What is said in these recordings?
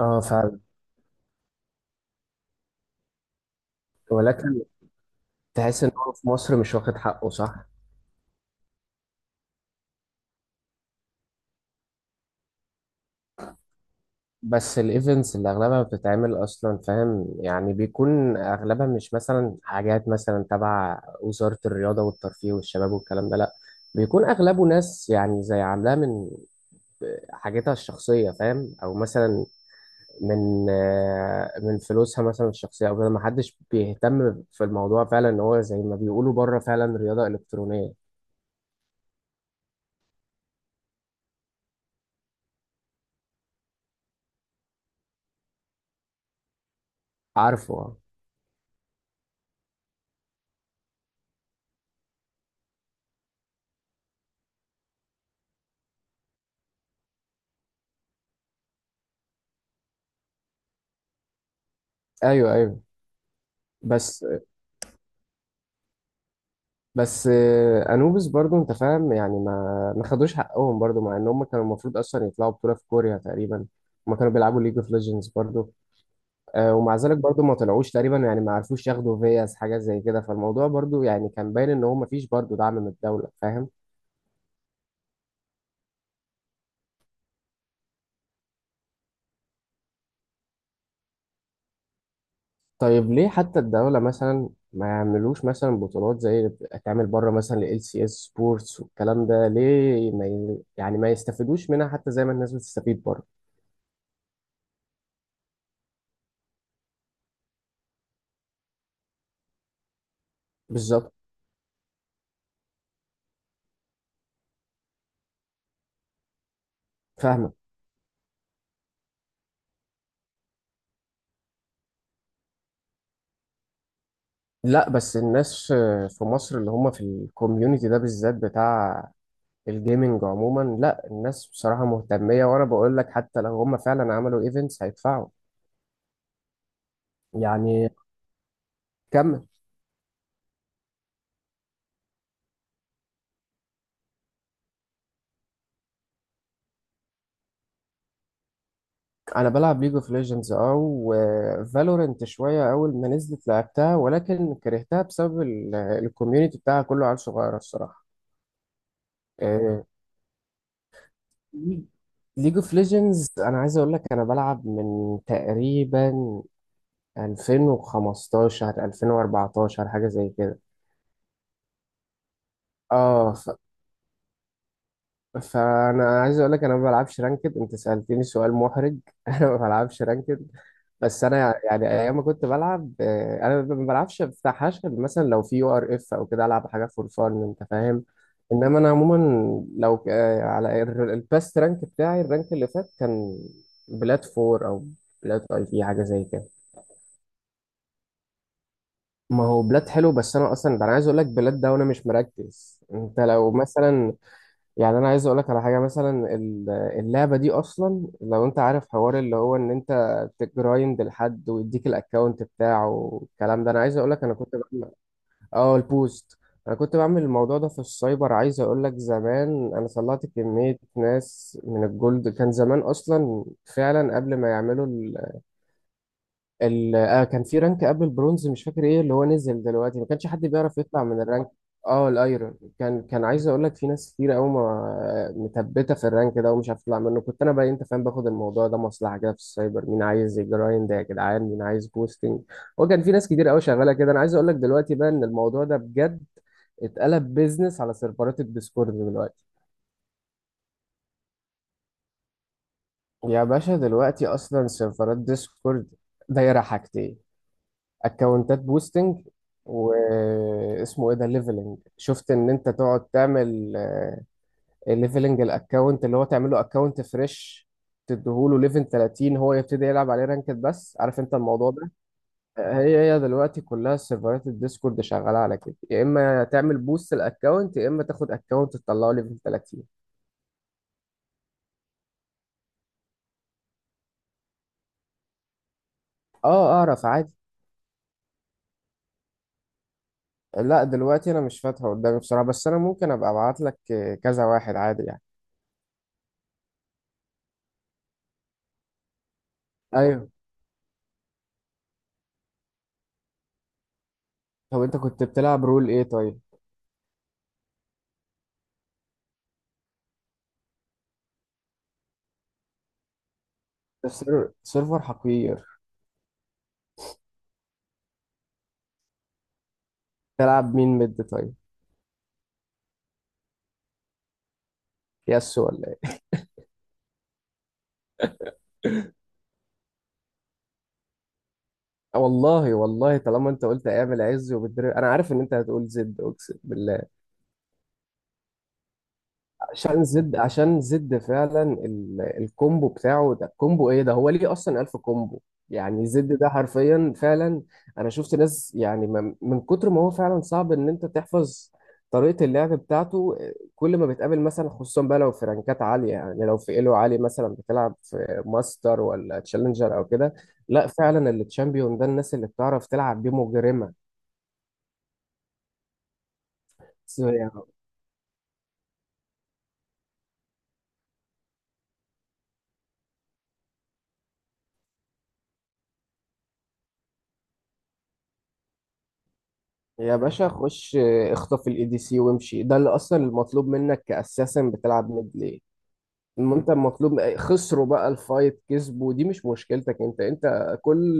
اه فعلا، ولكن تحس ان هو في مصر مش واخد حقه صح. بس الايفنتس اللي اغلبها بتتعمل اصلا فاهم يعني بيكون اغلبها مش مثلا حاجات مثلا تبع وزارة الرياضة والترفيه والشباب والكلام ده لا، بيكون اغلبه ناس يعني زي عاملاه من حاجتها الشخصية فاهم او مثلا من من فلوسها مثلا الشخصية او كده، محدش بيهتم في الموضوع فعلا ان هو زي ما بيقولوا بره فعلا رياضة الكترونية. عارفه آه. ايوه ايوه. بس بس انوبis برضو انت فاهم يعني ما خدوش حقهم برضو مع ان هم كانوا المفروض اصلا يطلعوا بطوله في كوريا تقريبا. هم كانوا بيلعبوا ليج اوف ليجندز برضو. ومع ذلك برضو ما طلعوش تقريبا، يعني ما عرفوش ياخدوا فياس حاجه زي كده، فالموضوع برضو يعني كان باين ان هو ما فيش برضو دعم من الدوله فاهم. طيب ليه حتى الدوله مثلا ما يعملوش مثلا بطولات زي اللي بتتعمل بره، مثلا ال سي اس سبورتس والكلام ده، ليه ما ي- يعني ما يستفيدوش منها حتى زي ما الناس بتستفيد بره؟ بالظبط. فاهمك. لا بس الناس في مصر اللي هم في الكوميونتي ده بالذات بتاع الجيمنج عموما، لا الناس بصراحة مهتمية وانا بقول لك حتى لو هم فعلا عملوا ايفنتس هيدفعوا. يعني كمل. انا بلعب ليج اوف ليجندز اه، وفالورنت شوية اول ما نزلت لعبتها ولكن كرهتها بسبب الكوميونتي بتاعها، كله عيال صغيرة الصراحة. آه، ليج اوف ليجندز انا عايز اقول لك انا بلعب من تقريبا 2015 2014 حاجة زي كده. اه ف... فانا عايز اقول لك انا ما بلعبش رانكد. انت سألتني سؤال محرج انا ما بلعبش رانكد. بس انا يعني ايام ما كنت بلعب انا ما بلعبش بتاع غير مثلا لو في يو ار اف او كده العب حاجة فور فان انت فاهم. انما انا عموما، لو ك- آه، على ال- الباست رانك بتاعي الرانك اللي فات كان بلات فور او بلات اي في حاجة زي كده. ما هو بلاد حلو، بس انا اصلا ده انا عايز اقول لك بلاد ده وانا مش مركز. انت لو مثلا، يعني انا عايز اقول لك على حاجه مثلا اللعبه دي اصلا لو انت عارف حوار اللي هو ان انت تجرايند لحد ويديك الاكونت بتاعه والكلام ده، انا عايز اقول لك انا كنت بعمل. اه البوست. انا كنت بعمل الموضوع ده في السايبر، عايز اقول لك زمان انا طلعت كميه ناس من الجولد كان زمان اصلا، فعلا قبل ما يعملوا ال... آه كان في رانك قبل البرونز مش فاكر ايه اللي هو نزل دلوقتي، ما كانش حد بيعرف يطلع من الرانك. اه الايرون. كان عايز اقول لك في ناس كتير قوي ما متبته في الرانك ده ومش عارف تطلع منه، كنت انا بقى انت فاهم باخد الموضوع ده مصلحه كده في السايبر، مين عايز جرايند يا جدعان مين عايز بوستنج. هو كان في ناس كتير قوي شغاله كده. انا عايز اقول لك دلوقتي بقى ان الموضوع ده بجد اتقلب بيزنس على سيرفرات الديسكورد دلوقتي. يا باشا، دلوقتي اصلا سيرفرات ديسكورد دايره حاجتين، اكونتات بوستنج واسمه ايه ده ليفلنج. شفت ان انت تقعد تعمل ليفلنج الاكونت، اللي هو تعمله اكونت فريش تديهوله ليفل 30 هو يبتدي يلعب عليه رانكد، بس عارف انت الموضوع ده. هي دلوقتي كلها سيرفرات الديسكورد شغاله على كده، يا اما تعمل بوست الاكونت يا اما تاخد اكونت تطلعه ليفل 30. اه اعرف عادي. لا دلوقتي انا مش فاتحه قدامي بصراحه، بس انا ممكن ابقى ابعت لك كذا واحد عادي يعني. ايوه. طب انت كنت بتلعب رول ايه طيب؟ سيرفر حقير. تلعب مين مد طيب؟ يس ولا ايه؟ والله والله طالما انت قلت ايام العز وبالدري انا عارف ان انت هتقول زد، اقسم بالله. عشان زد فعلا الكومبو بتاعه ده، الكومبو ايه ده، هو ليه اصلا الف كومبو يعني؟ زد ده حرفيا فعلا، انا شفت ناس يعني ما... من كتر ما هو فعلا صعب ان انت تحفظ طريقة اللعب بتاعته، كل ما بتقابل مثلا، خصوصا بقى لو في رانكات عالية يعني لو في ايلو عالي، مثلا بتلعب في ماستر ولا تشالنجر او كده، لا فعلا التشامبيون ده الناس اللي بتعرف تلعب بيه مجرمة. يا باشا خش اخطف الاي دي سي وامشي، ده اللي اصلا المطلوب منك كاساسا بتلعب ميد ليه. المهم انت المطلوب خسروا بقى الفايت كسبوا دي مش مشكلتك، انت انت كل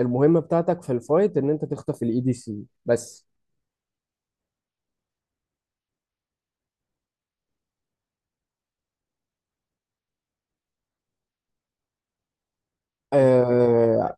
المهمة بتاعتك في الفايت ان انت تخطف الاي دي سي بس. آه،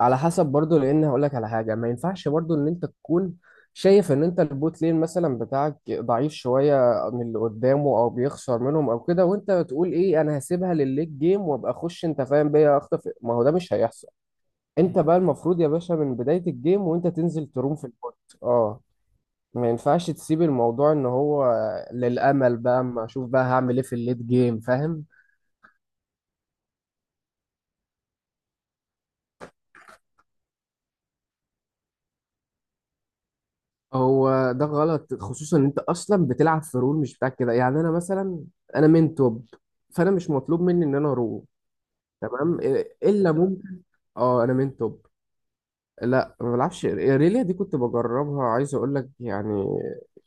على حسب برضو، لان هقول لك على حاجه ما ينفعش برضو ان انت تكون شايف ان انت البوت لين مثلا بتاعك ضعيف شويه من اللي قدامه او بيخسر منهم او كده، وانت بتقول ايه انا هسيبها للليج جيم وابقى اخش انت فاهم بيا اخطف، ما هو ده مش هيحصل. انت بقى المفروض يا باشا من بدايه الجيم وانت تنزل تروم في البوت. اه ما ينفعش تسيب الموضوع ان هو للامل بقى اما اشوف بقى هعمل ايه في الليت جيم فاهم. هو ده غلط خصوصا ان انت اصلا بتلعب في رول مش بتاعك، كده يعني. انا مثلا انا من توب، فانا مش مطلوب مني ان انا رو. تمام الا ممكن. اه انا من توب. لا ما بلعبش ايريليا دي، كنت بجربها عايز اقول لك يعني،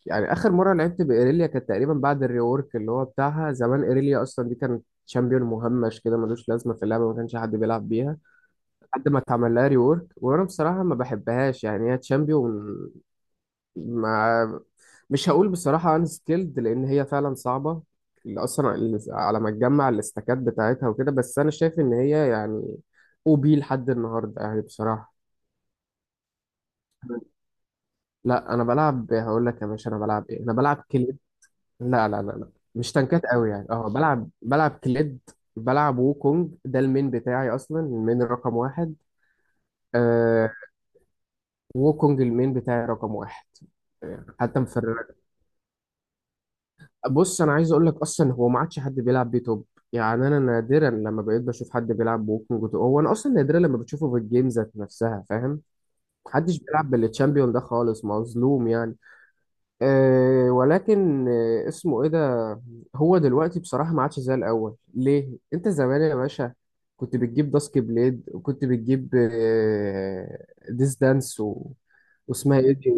يعني اخر مره لعبت بايريليا كانت تقريبا بعد الريورك اللي هو بتاعها. زمان ايريليا اصلا دي كانت شامبيون مهمش كده ملوش لازمه في اللعبه، ما كانش حد بيلعب بيها لحد ما اتعمل لها ريورك. وانا بصراحه ما بحبهاش يعني، هي تشامبيون مش هقول بصراحة ان سكيلد لان هي فعلا صعبة اللي اصلا اللي على ما تجمع الاستكات بتاعتها وكده، بس انا شايف ان هي يعني او بي لحد النهاردة يعني بصراحة. لا انا بلعب، هقول لك يا باشا انا بلعب ايه، انا بلعب كليد. لا مش تنكات قوي يعني، اه بلعب كليد. بلعب ووكونج ده المين بتاعي اصلا، المين رقم واحد. آه ووكونج المين بتاعي رقم واحد. حتى في، بص انا عايز اقول لك اصلا هو ما عادش حد بيلعب بيه توب، يعني انا نادرا لما بقيت بشوف حد بيلعب بوكينج تو، هو انا اصلا نادرا لما بتشوفه في الجيم ذات نفسها فاهم. محدش بيلعب بالتشامبيون ده خالص، مظلوم يعني. أه ولكن اسمه ايه ده، هو دلوقتي بصراحه ما عادش زي الاول. ليه؟ انت زمان يا باشا كنت بتجيب داسك بليد وكنت بتجيب ديس دانس واسمها ايه دي.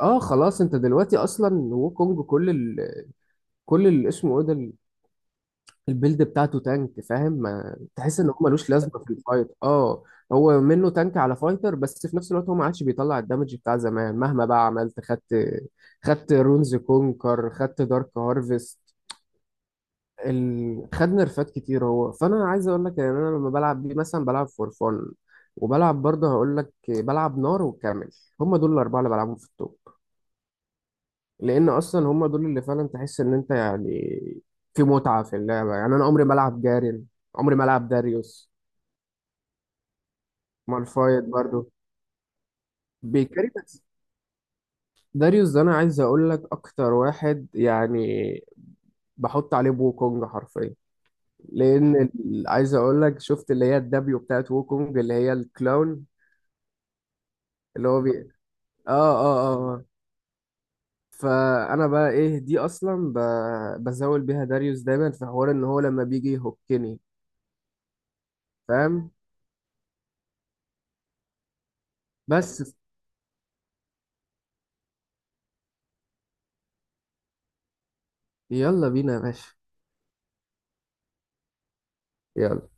اه خلاص انت دلوقتي اصلا وكونج كل كل اللي اسمه ايه ده البيلد بتاعته تانك فاهم، ما تحس ان هو ملوش لازمه في الفايت اه. هو منه تانك على فايتر، بس في نفس الوقت هو ما عادش بيطلع الدمج بتاع زمان مهما بقى عملت، خدت رونز كونكر، خدت دارك هارفست، خد نرفات كتير هو. فانا عايز اقول لك ان انا لما بلعب بيه مثلا بلعب فور فون، وبلعب برضه هقول لك بلعب نار وكامل، هم دول الاربعه اللي بلعبهم في التوب، لان اصلا هم دول اللي فعلا تحس ان انت يعني في متعه في اللعبه يعني. انا عمري ما العب جارين، عمري ما العب داريوس. مالفايت برضو بيكاري بس. داريوس ده انا عايز اقول لك اكتر واحد يعني بحط عليه ووكونج حرفيا، عايز اقول لك شفت اللي هي الدبليو بتاعت ووكونج اللي هي الكلاون اللي هو بي اه، اه اه آه. فانا بقى ايه دي بزاول بيها داريوس دايما في حوار ان هو لما بيجي يهكني فاهم. بس يلا بينا يا باشا. يلا.